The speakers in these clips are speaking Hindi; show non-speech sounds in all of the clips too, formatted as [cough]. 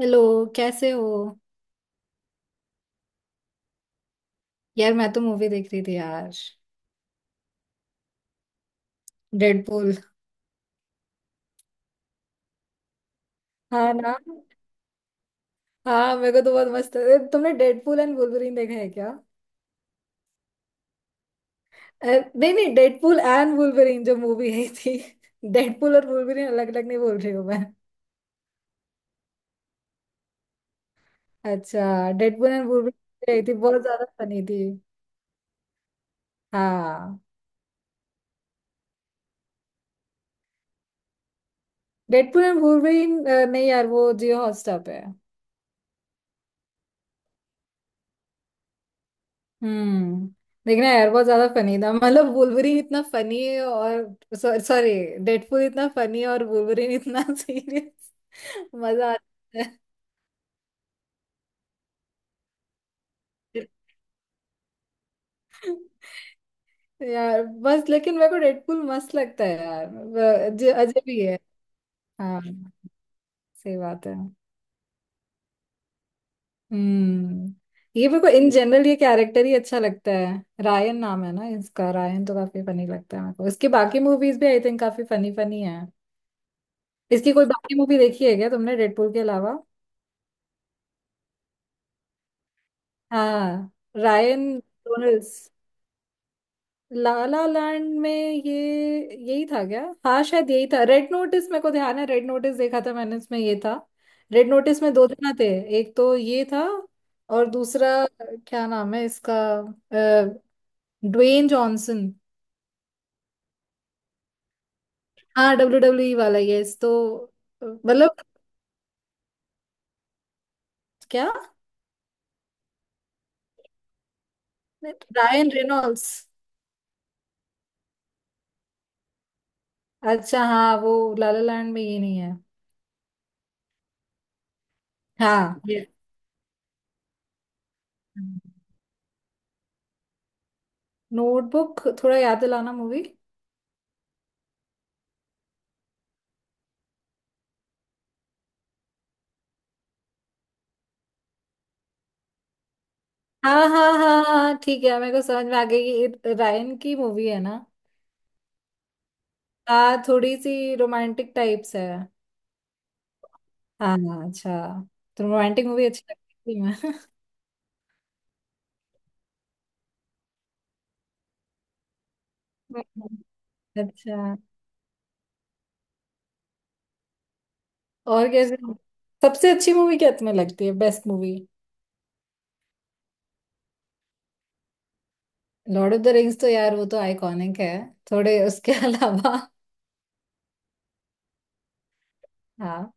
हेलो। कैसे हो? यार मैं तो मूवी देख रही थी यार। डेडपूल। हाँ ना। हाँ मेरे को तो बहुत मस्त तुमने डेडपूल एंड वुल्वरीन देखा है क्या? नहीं नहीं, डेडपूल एंड वुल्वरीन जो मूवी आई थी। [laughs] डेडपूल और वुल्वरीन अलग अलग नहीं बोल रही हूँ मैं। अच्छा डेडपूल एंड वुल्वरीन आई थी, बहुत ज्यादा फनी थी। हाँ डेडपूल एंड वुल्वरीन। नहीं यार वो जियो हॉटस्टार पे है। हम्म। देखना यार, बहुत ज्यादा फनी था, मतलब वुल्वरीन इतना फनी है और सॉरी डेडपूल इतना फनी है और वुल्वरीन इतना [laughs] सीरियस। मजा आता है। यार बस लेकिन मेरे को डेडपूल मस्त लगता है यार, अजब ही है। हाँ। सही बात है। हम्म। ये मेरे को इन जनरल ये कैरेक्टर ही अच्छा लगता है। रायन नाम है ना इसका? रायन तो काफी फनी लगता है मेरे को। इसके बाकी मूवीज भी आई थिंक काफी फनी फनी है। इसकी कोई बाकी मूवी देखी है क्या तुमने डेडपूल के अलावा? हाँ। रायन रोनल्ड्स। ला ला लैंड में ये? यही था क्या, हाँ शायद यही था। रेड नोटिस मेरे को ध्यान है, रेड नोटिस देखा था मैंने, इसमें ये था। रेड नोटिस में दो जना थे। एक तो ये था। और दूसरा क्या नाम है इसका? अ, ड्वेन जॉनसन। हाँ डब्ल्यू डब्ल्यू ई वाला यस तो। मतलब। क्या? Ryan Reynolds. अच्छा हाँ वो। लाला लैंड में ये नहीं है। हाँ। नोटबुक थोड़ा याद दिलाना मूवी। हाँ हाँ हाँ हाँ ठीक है मेरे को समझ में आ गई, ये रायन की मूवी है ना। हाँ थोड़ी सी रोमांटिक टाइप्स है। हाँ। अच्छा, तो रोमांटिक मूवी अच्छी लगती है। मैं [laughs] अच्छा। और कैसे? सबसे अच्छी मूवी क्या तुम्हें लगती है, best movie? Lord of the Rings तो यार वो तो आइकॉनिक है। थोड़े उसके [laughs] अलावा। हाँ।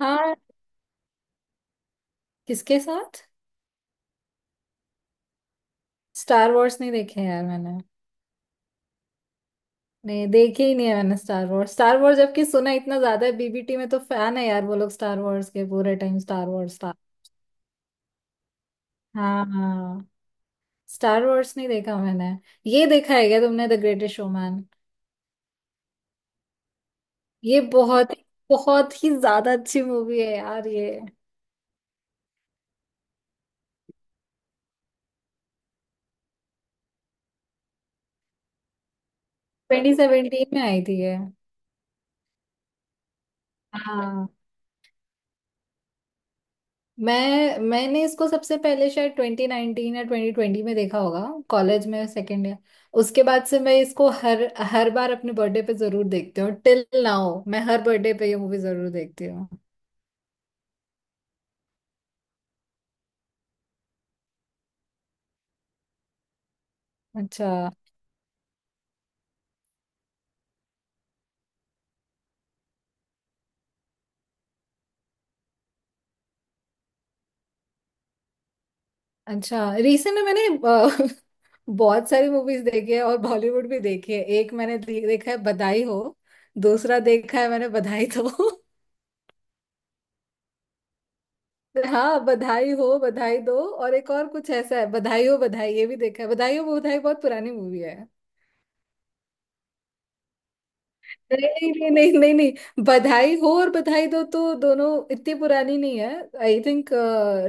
हाँ किसके साथ? स्टार वॉर्स नहीं देखे हैं यार मैंने। नहीं देखे ही नहीं है मैंने स्टार वॉर्स। स्टार वॉर्स जबकि सुना इतना ज्यादा है, बीबीटी में तो फैन है यार वो लोग स्टार वॉर्स के, पूरे टाइम स्टार वॉर्स स्टार। हाँ हाँ। स्टार वॉर्स नहीं देखा मैंने। ये देखा है क्या तुमने, द ग्रेटेस्ट शोमैन? ये बहुत, बहुत ही ज्यादा अच्छी मूवी है यार ये। [laughs] ट्वेंटी सेवेंटीन में आई थी ये। हाँ। मैंने इसको सबसे पहले शायद 2019 या 2020 में देखा होगा, कॉलेज में सेकेंड ईयर। उसके बाद से मैं इसको हर हर बार अपने बर्थडे पे जरूर देखती हूँ, टिल नाउ मैं हर बर्थडे पे ये मूवी जरूर देखती हूँ। अच्छा। अच्छा, रिसेंट में मैंने अ, [laughs] बहुत सारी मूवीज देखी है, और बॉलीवुड भी देखी है। एक मैंने देखा है, बधाई हो। दूसरा देखा है मैंने, बधाई दो। [laughs] हाँ बधाई हो बधाई दो, और एक और कुछ ऐसा है बधाई हो बधाई, ये भी देखा है। बधाई हो बधाई बहुत पुरानी मूवी है। नहीं नहीं नहीं नहीं नहीं, बधाई हो और बधाई दो तो दोनों इतनी पुरानी नहीं है, आई थिंक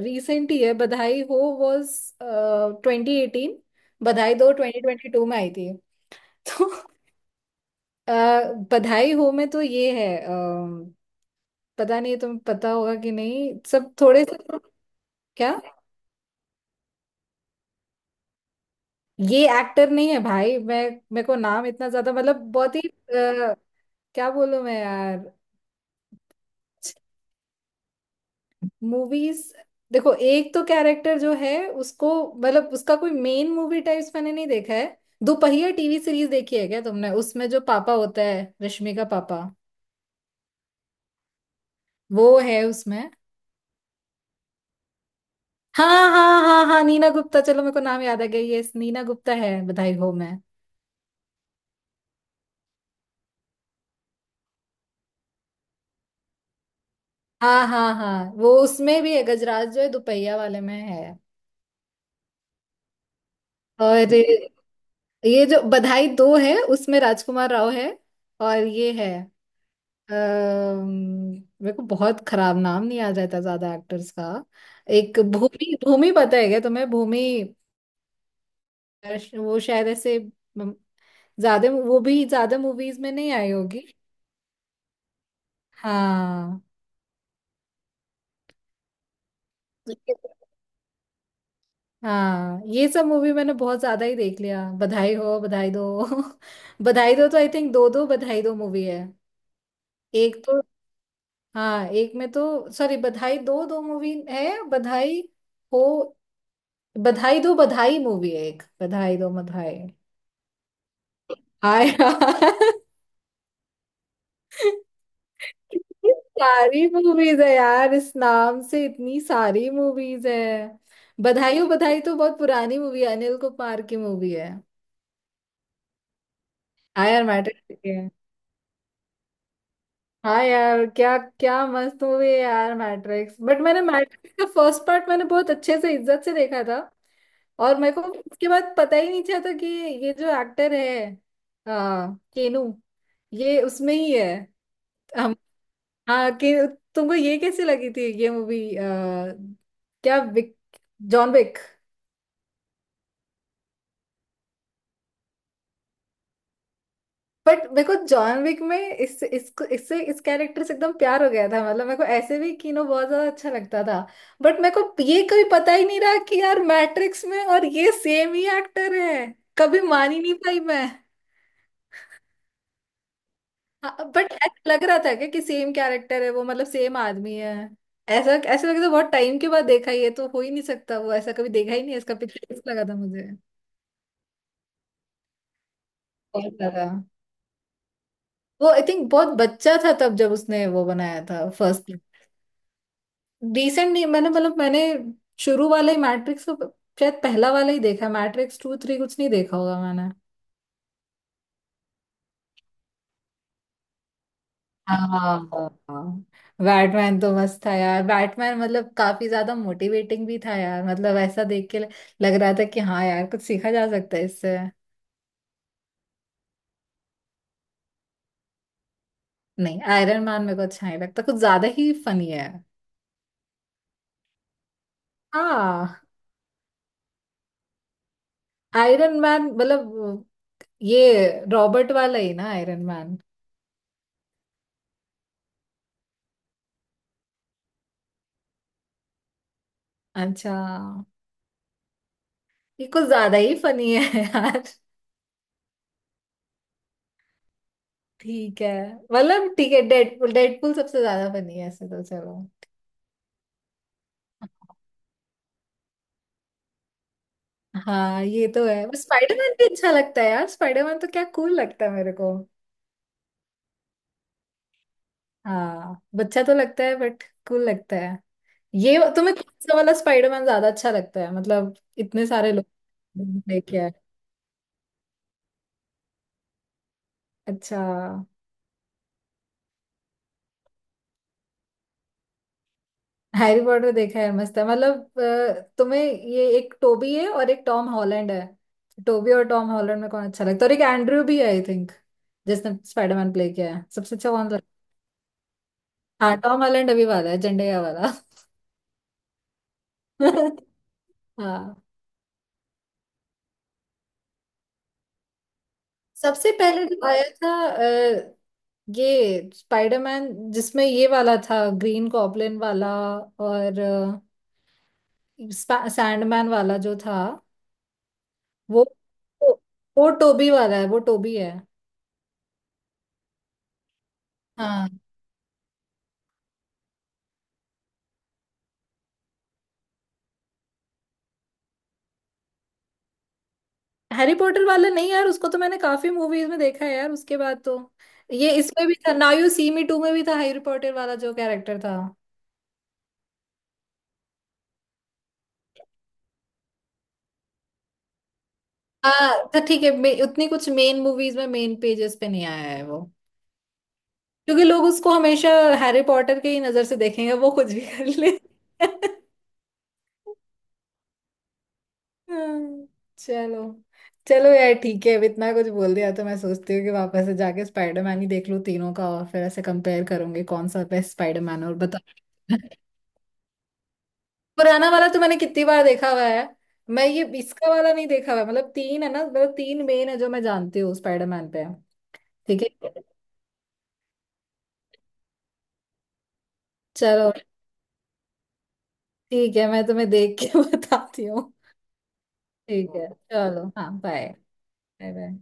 रिसेंट ही है। Badhaai Ho was twenty eighteen. Badhaai Do twenty twenty two में आई थी। [laughs] तो अ, बधाई हो में तो ये है पता नहीं तुम्हें पता होगा कि नहीं, सब थोड़े से। क्या? ये एक्टर नहीं है भाई। मैं मेरे को नाम इतना ज्यादा, मतलब बहुत ही क्या बोलूं मैं यार? मूवीज। देखो एक तो कैरेक्टर जो है उसको, मतलब उसका कोई मेन मूवी टाइप्स मैंने नहीं देखा है। दोपहिया टीवी सीरीज देखी है क्या तुमने? उसमें जो पापा होता है, रश्मि का पापा, वो है उसमें। हाँ हाँ हाँ हाँ नीना गुप्ता, चलो मेरे को नाम याद आ गया, ये नीना गुप्ता है बधाई हो मैं हाँ हाँ हाँ वो उसमें भी है, गजराज जो है दोपहिया वाले में है। और ये जो बधाई दो है, उसमें राजकुमार राव है। और ये है अम्म, मेरे को बहुत खराब, नाम नहीं याद रहता ज्यादा एक्टर्स का। एक भूमि, भूमि पता है क्या तुम्हें, भूमि? वो शायद ऐसे म, ज्यादा, वो भी ज्यादा मूवीज में नहीं आई होगी। हाँ। हाँ ये सब मूवी मैंने बहुत ज्यादा ही देख लिया, बधाई हो बधाई दो। [laughs] बधाई दो तो आई थिंक दो दो बधाई दो मूवी है। एक तो। हाँ एक में तो, सॉरी बधाई दो दो मूवी है, बधाई हो, बधाई दो बधाई मूवी है, एक बधाई दो बधाई। हाय यार। कितनी सारी मूवीज है यार, इस नाम से इतनी सारी मूवीज है। बधाई हो बधाई तो बहुत पुरानी मूवी है, अनिल कपूर की मूवी है। आया मैटर। हाँ यार क्या क्या मस्त मूवी है यार मैट्रिक्स, बट मैंने मैट्रिक्स का फर्स्ट पार्ट मैंने बहुत अच्छे से इज्जत से देखा था। और मेरे को उसके बाद पता ही नहीं चला था कि ये जो एक्टर है आ, केनू, ये उसमें ही है। हम। हाँ कि तुमको ये कैसी लगी थी ये मूवी, क्या विक जॉन विक? बट मेरे को जॉन विक में इस इसको इससे इस कैरेक्टर से एकदम प्यार हो गया था, मतलब मेरे को ऐसे भी कीनो बहुत ज्यादा अच्छा लगता था। बट मेरे को ये कभी पता ही नहीं रहा कि यार मैट्रिक्स में और ये सेम ही एक्टर है, कभी मान ही नहीं पाई मैं। हाँ, बट ऐसा लग रहा था क्या कि सेम कैरेक्टर है वो, मतलब सेम आदमी है। ऐसा ऐसा लगा था, बहुत टाइम के बाद देखा, ये तो हो ही नहीं सकता, वो ऐसा कभी देखा ही नहीं है, इसका पिक्चर लगा था मुझे। बहुत ज्यादा वो आई थिंक बहुत बच्चा था तब जब उसने वो बनाया था फर्स्ट। डिसेंट नहीं, मैंने शुरू वाला ही मैट्रिक्स तो शायद पहला वाला ही देखा है, मैट्रिक्स टू थ्री कुछ नहीं देखा होगा मैंने। हाँ। बैटमैन तो मस्त था यार, बैटमैन मतलब काफी ज्यादा मोटिवेटिंग भी था यार, मतलब ऐसा देख के लग रहा था कि हाँ यार कुछ सीखा जा सकता है इससे। नहीं आयरन मैन मेरे को अच्छा नहीं लगता, कुछ ज्यादा ही फनी है। हाँ। आयरन मैन मतलब ये रॉबर्ट वाला ही ना आयरन मैन? अच्छा। ये कुछ ज्यादा ही फनी है। ठीक है, मतलब ठीक है डेडपूल, डेडपूल सबसे ज्यादा बनी है ऐसे तो, चलो। हाँ ये तो है, पर स्पाइडरमैन भी अच्छा लगता है यार, स्पाइडरमैन तो क्या कूल लगता है मेरे को। हाँ बच्चा तो लगता है, बट कूल लगता है। ये तुम्हें कौन सा वाला स्पाइडरमैन ज्यादा अच्छा लगता है? मतलब इतने सारे लोग देखे हैं। अच्छा। हैरी पॉटर देखा है, मस्त है, मतलब तुम्हें ये एक टोबी है और एक टॉम हॉलैंड है, टोबी और टॉम हॉलैंड में कौन अच्छा लगता है? और एक एंड्रयू भी है आई थिंक जिसने स्पाइडरमैन प्ले किया है, सबसे अच्छा कौन लगता है? हाँ टॉम हॉलैंड अभी वाला है, झंडेया वाला। [laughs] हाँ। सबसे पहले जो आया था ये स्पाइडरमैन, जिसमें ये वाला था ग्रीन गॉब्लिन वाला, और सैंडमैन वाला जो था, वो वो, वो टोबी वाला है, वो टोबी है। हाँ, हैरी पॉटर वाला नहीं यार उसको तो मैंने काफी मूवीज में देखा है यार उसके बाद तो। ये इसमें भी था, now you see me two में भी था हैरी पॉटर वाला जो कैरेक्टर था। हाँ तो ठीक है, उतनी कुछ मेन मूवीज में, मेन पेजेस पे नहीं आया है वो। क्योंकि लोग उसको हमेशा हैरी पॉटर के ही नजर से देखेंगे, वो कुछ भी कर ले। [laughs] हाँ, चलो। चलो यार ठीक है, अब इतना कुछ बोल दिया तो मैं सोचती हूँ कि वापस से जाके स्पाइडरमैन ही देख लूँ तीनों का, और फिर ऐसे कंपेयर करूंगी कौन सा बेस्ट स्पाइडरमैन, और बता। [laughs] पुराना वाला तो मैंने कितनी बार देखा हुआ है। मैं ये इसका वाला नहीं देखा हुआ है। मतलब तीन है ना, मतलब तीन मेन है जो मैं जानती हूँ स्पाइडरमैन पे। ठीक है। चलो ठीक है, मैं तुम्हें देख के [laughs] बताती हूँ। ठीक है चलो। हाँ बाय बाय बाय।